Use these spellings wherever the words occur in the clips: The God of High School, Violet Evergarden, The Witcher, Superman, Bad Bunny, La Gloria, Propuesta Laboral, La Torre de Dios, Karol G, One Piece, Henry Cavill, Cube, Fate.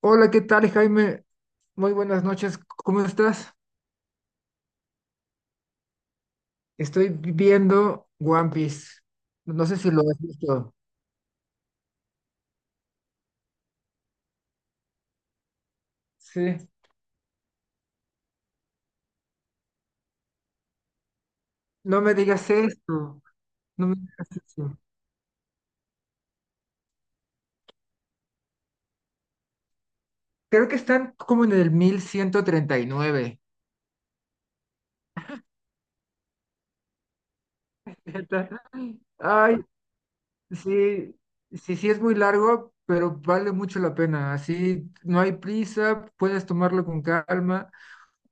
Hola, ¿qué tal, Jaime? Muy buenas noches, ¿cómo estás? Estoy viendo One Piece. No sé si lo has visto. Sí. No me digas esto. No me digas eso. Creo que están como en el 1139. ¿Neta? Ay, sí, sí, sí es muy largo, pero vale mucho la pena. Así no hay prisa, puedes tomarlo con calma,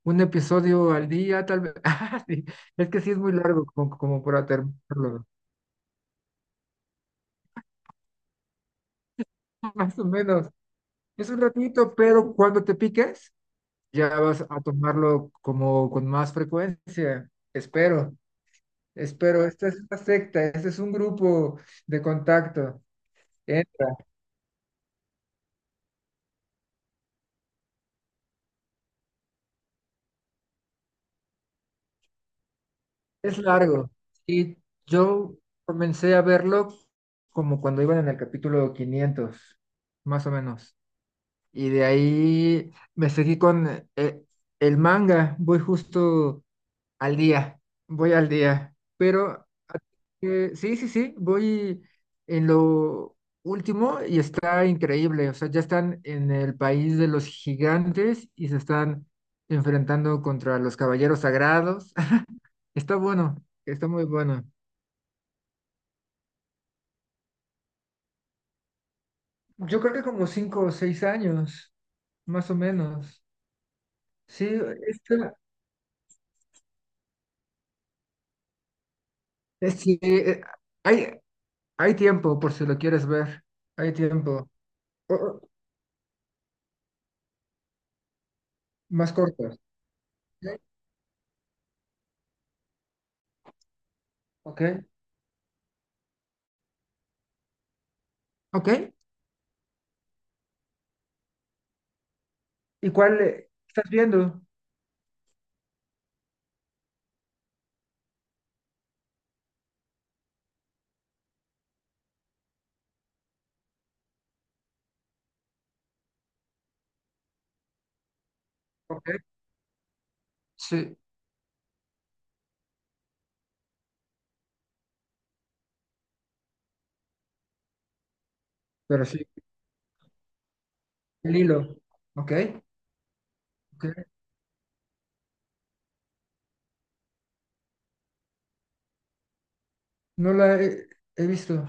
un episodio al día, tal vez. Ah, sí. Es que sí es muy largo como para terminarlo. Más o menos. Es un ratito, pero cuando te piques, ya vas a tomarlo como con más frecuencia. Espero, espero. Esta es una secta, este es un grupo de contacto. Entra. Es largo. Y yo comencé a verlo como cuando iban en el capítulo 500 más o menos. Y de ahí me seguí con eh, el manga. Al día, voy al día, pero sí, sí, sí, voy en lo último y está increíble. O sea, ya están en el país de los gigantes y se están enfrentando contra los caballeros sagrados. Está bueno, está muy bueno. Yo creo que como 5 o 6 años, más o menos. Sí, está- es que, hay, hay tiempo por si lo quieres ver, hay tiempo. O- o- más corto. Ok. Ok. ¿Y cuál estás viendo? Ok. Sí, pero sí. El hilo. Ok. Ok. No la he visto.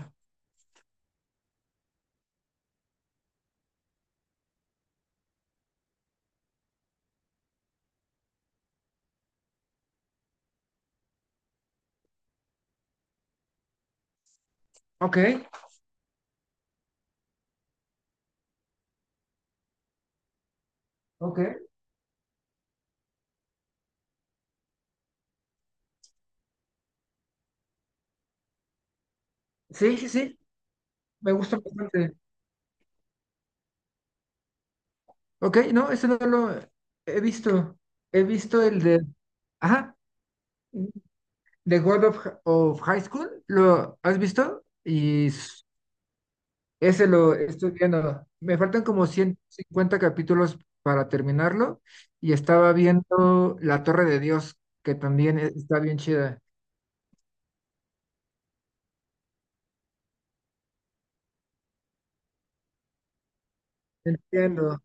Ok. Ok. Sí, sí, sí. Me gusta bastante. Ok. No, ese no lo he visto. He visto el de. Ajá. The God of High School. ¿Lo has visto? Y ese lo estoy viendo. Me faltan como 150 capítulos para terminarlo y estaba viendo La Torre de Dios, que también está bien chida. Entiendo.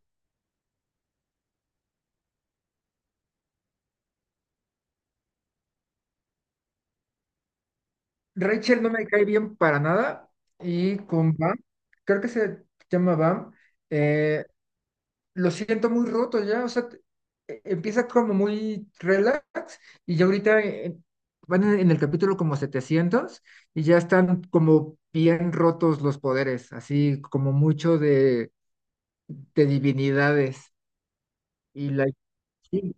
Rachel no me cae bien para nada y con Bam, creo que se llama Bam, eh, lo siento muy roto ya. O sea, empieza como muy relax y ya ahorita van en el capítulo como 700 y ya están como bien rotos los poderes, así como mucho de, divinidades y la... sí.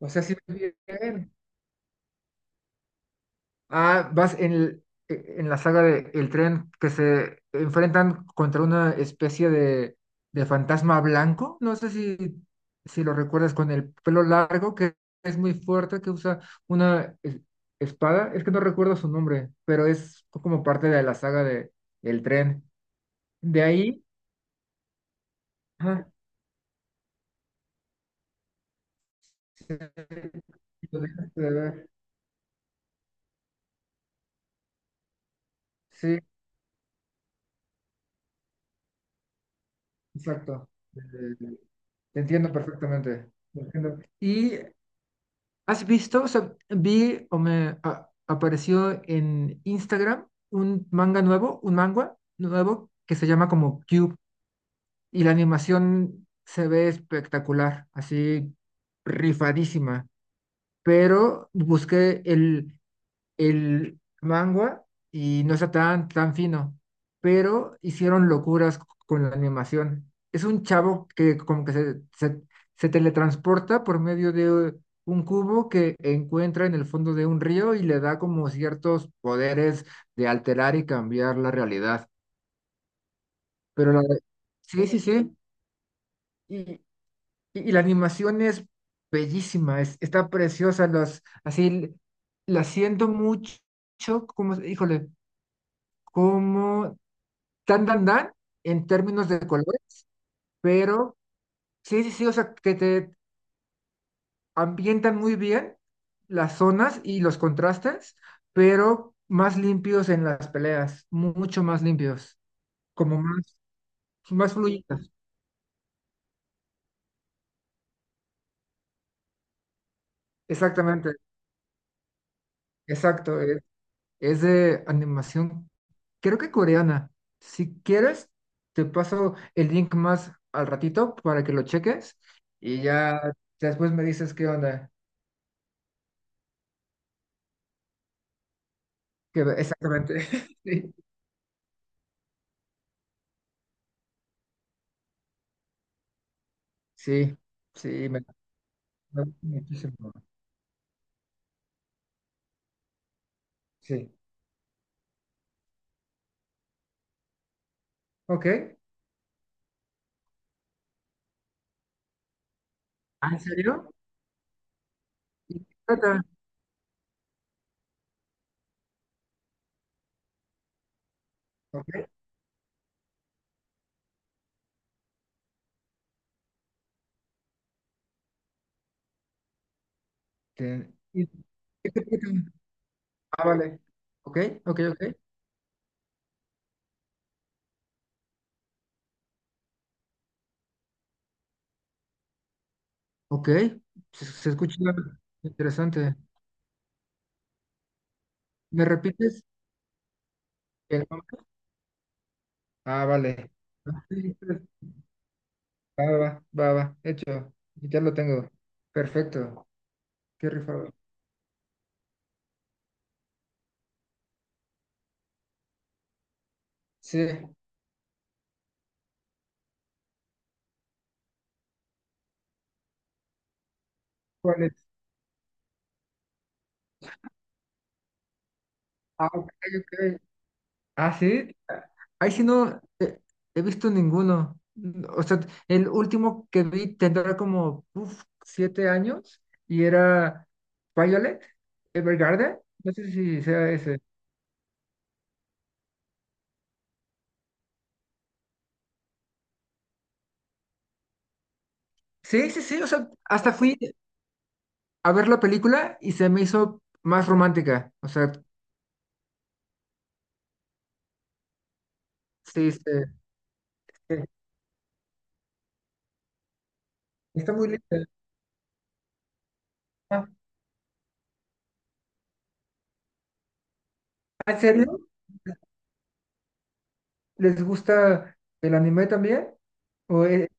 O sea, sí, muy bien. Ah, vas en la saga de El Tren que se enfrentan contra una especie de fantasma blanco. No sé si lo recuerdas con el pelo largo, que es muy fuerte, que usa una espada. Es que no recuerdo su nombre, pero es como parte de la saga de El Tren. De ahí, ajá, sí, lo dejaste de ver. Sí, exacto. Eh, Te entiendo perfectamente. Lo entiendo. Y ¿has visto? O sea, vi o me apareció en Instagram un manga nuevo que se llama como Cube, y la animación se ve espectacular, así rifadísima. Pero busqué el manga y no está tan, tan fino, pero hicieron locuras con la animación. Es un chavo que como que se teletransporta por medio de un cubo que encuentra en el fondo de un río y le da como ciertos poderes de alterar y cambiar la realidad. Pero la, sí, sí, sí. Y, y la animación es bellísima, está preciosa, así la siento mucho, como, híjole, como tan dan dan en términos de colores, pero sí, sí, sí. O sea, que te ambientan muy bien las zonas y los contrastes, pero más limpios en las peleas, mucho más limpios, como más, más fluidas. Exactamente, exacto. Es de animación, creo que coreana. Si quieres, te paso el link más al ratito para que lo cheques y ya después me dices qué onda. Exactamente. Sí, sí, sí, me gusta muchísimo. Sí. Ok. Ah, ¿en serio? ¿Y de qué trata? Ok. ¿Y de qué trata? Ah, vale. Ok, ok, ok. Ok. Se escucha interesante. ¿Me repites el nombre? Ah, vale. Ah, sí, sí. Va, va, va, va. Hecho. Ya lo tengo. Perfecto. Qué rifado. Sí. ¿Cuál es? Ah, ok, ok. Ah, sí. Ah, ahí sí no he visto ninguno. O sea, el último que vi tendrá como uf, 7 años y era Violet Evergarden. No sé si sea ese. Sí, sí, sí. O sea, hasta fui a ver la película y se me hizo más romántica. O sea, sí, sí, sí. Está muy linda. Ah, ¿en serio? ¿Les gusta el anime también? ¿O es-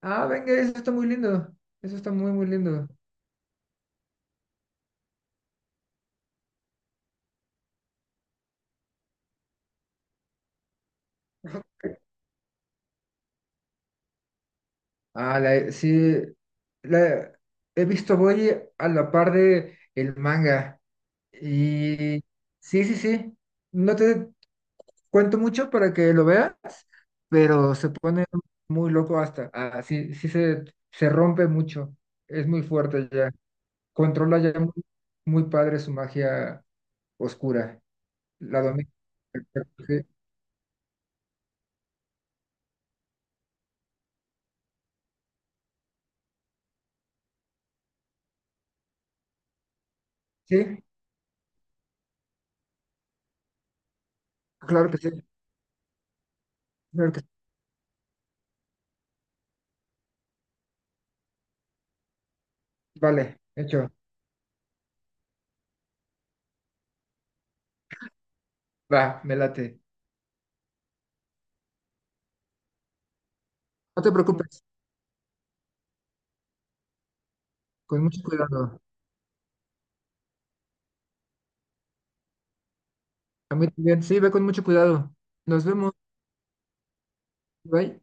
Ah, venga, eso está muy lindo. Eso está muy, muy lindo. Ah, sí, la he visto, voy a la par de el manga. Y sí, sí, sí. No te cuento mucho para que lo veas, pero se pone muy loco hasta. Ah, sí, sí se rompe mucho. Es muy fuerte ya. Controla ya muy, muy padre su magia oscura. La domina. Sí, sí, claro que sí. Claro que sí. Vale, hecho. Va, me late. No te preocupes, con mucho cuidado. A mí también. Sí, ve con mucho cuidado. Nos vemos. Bye.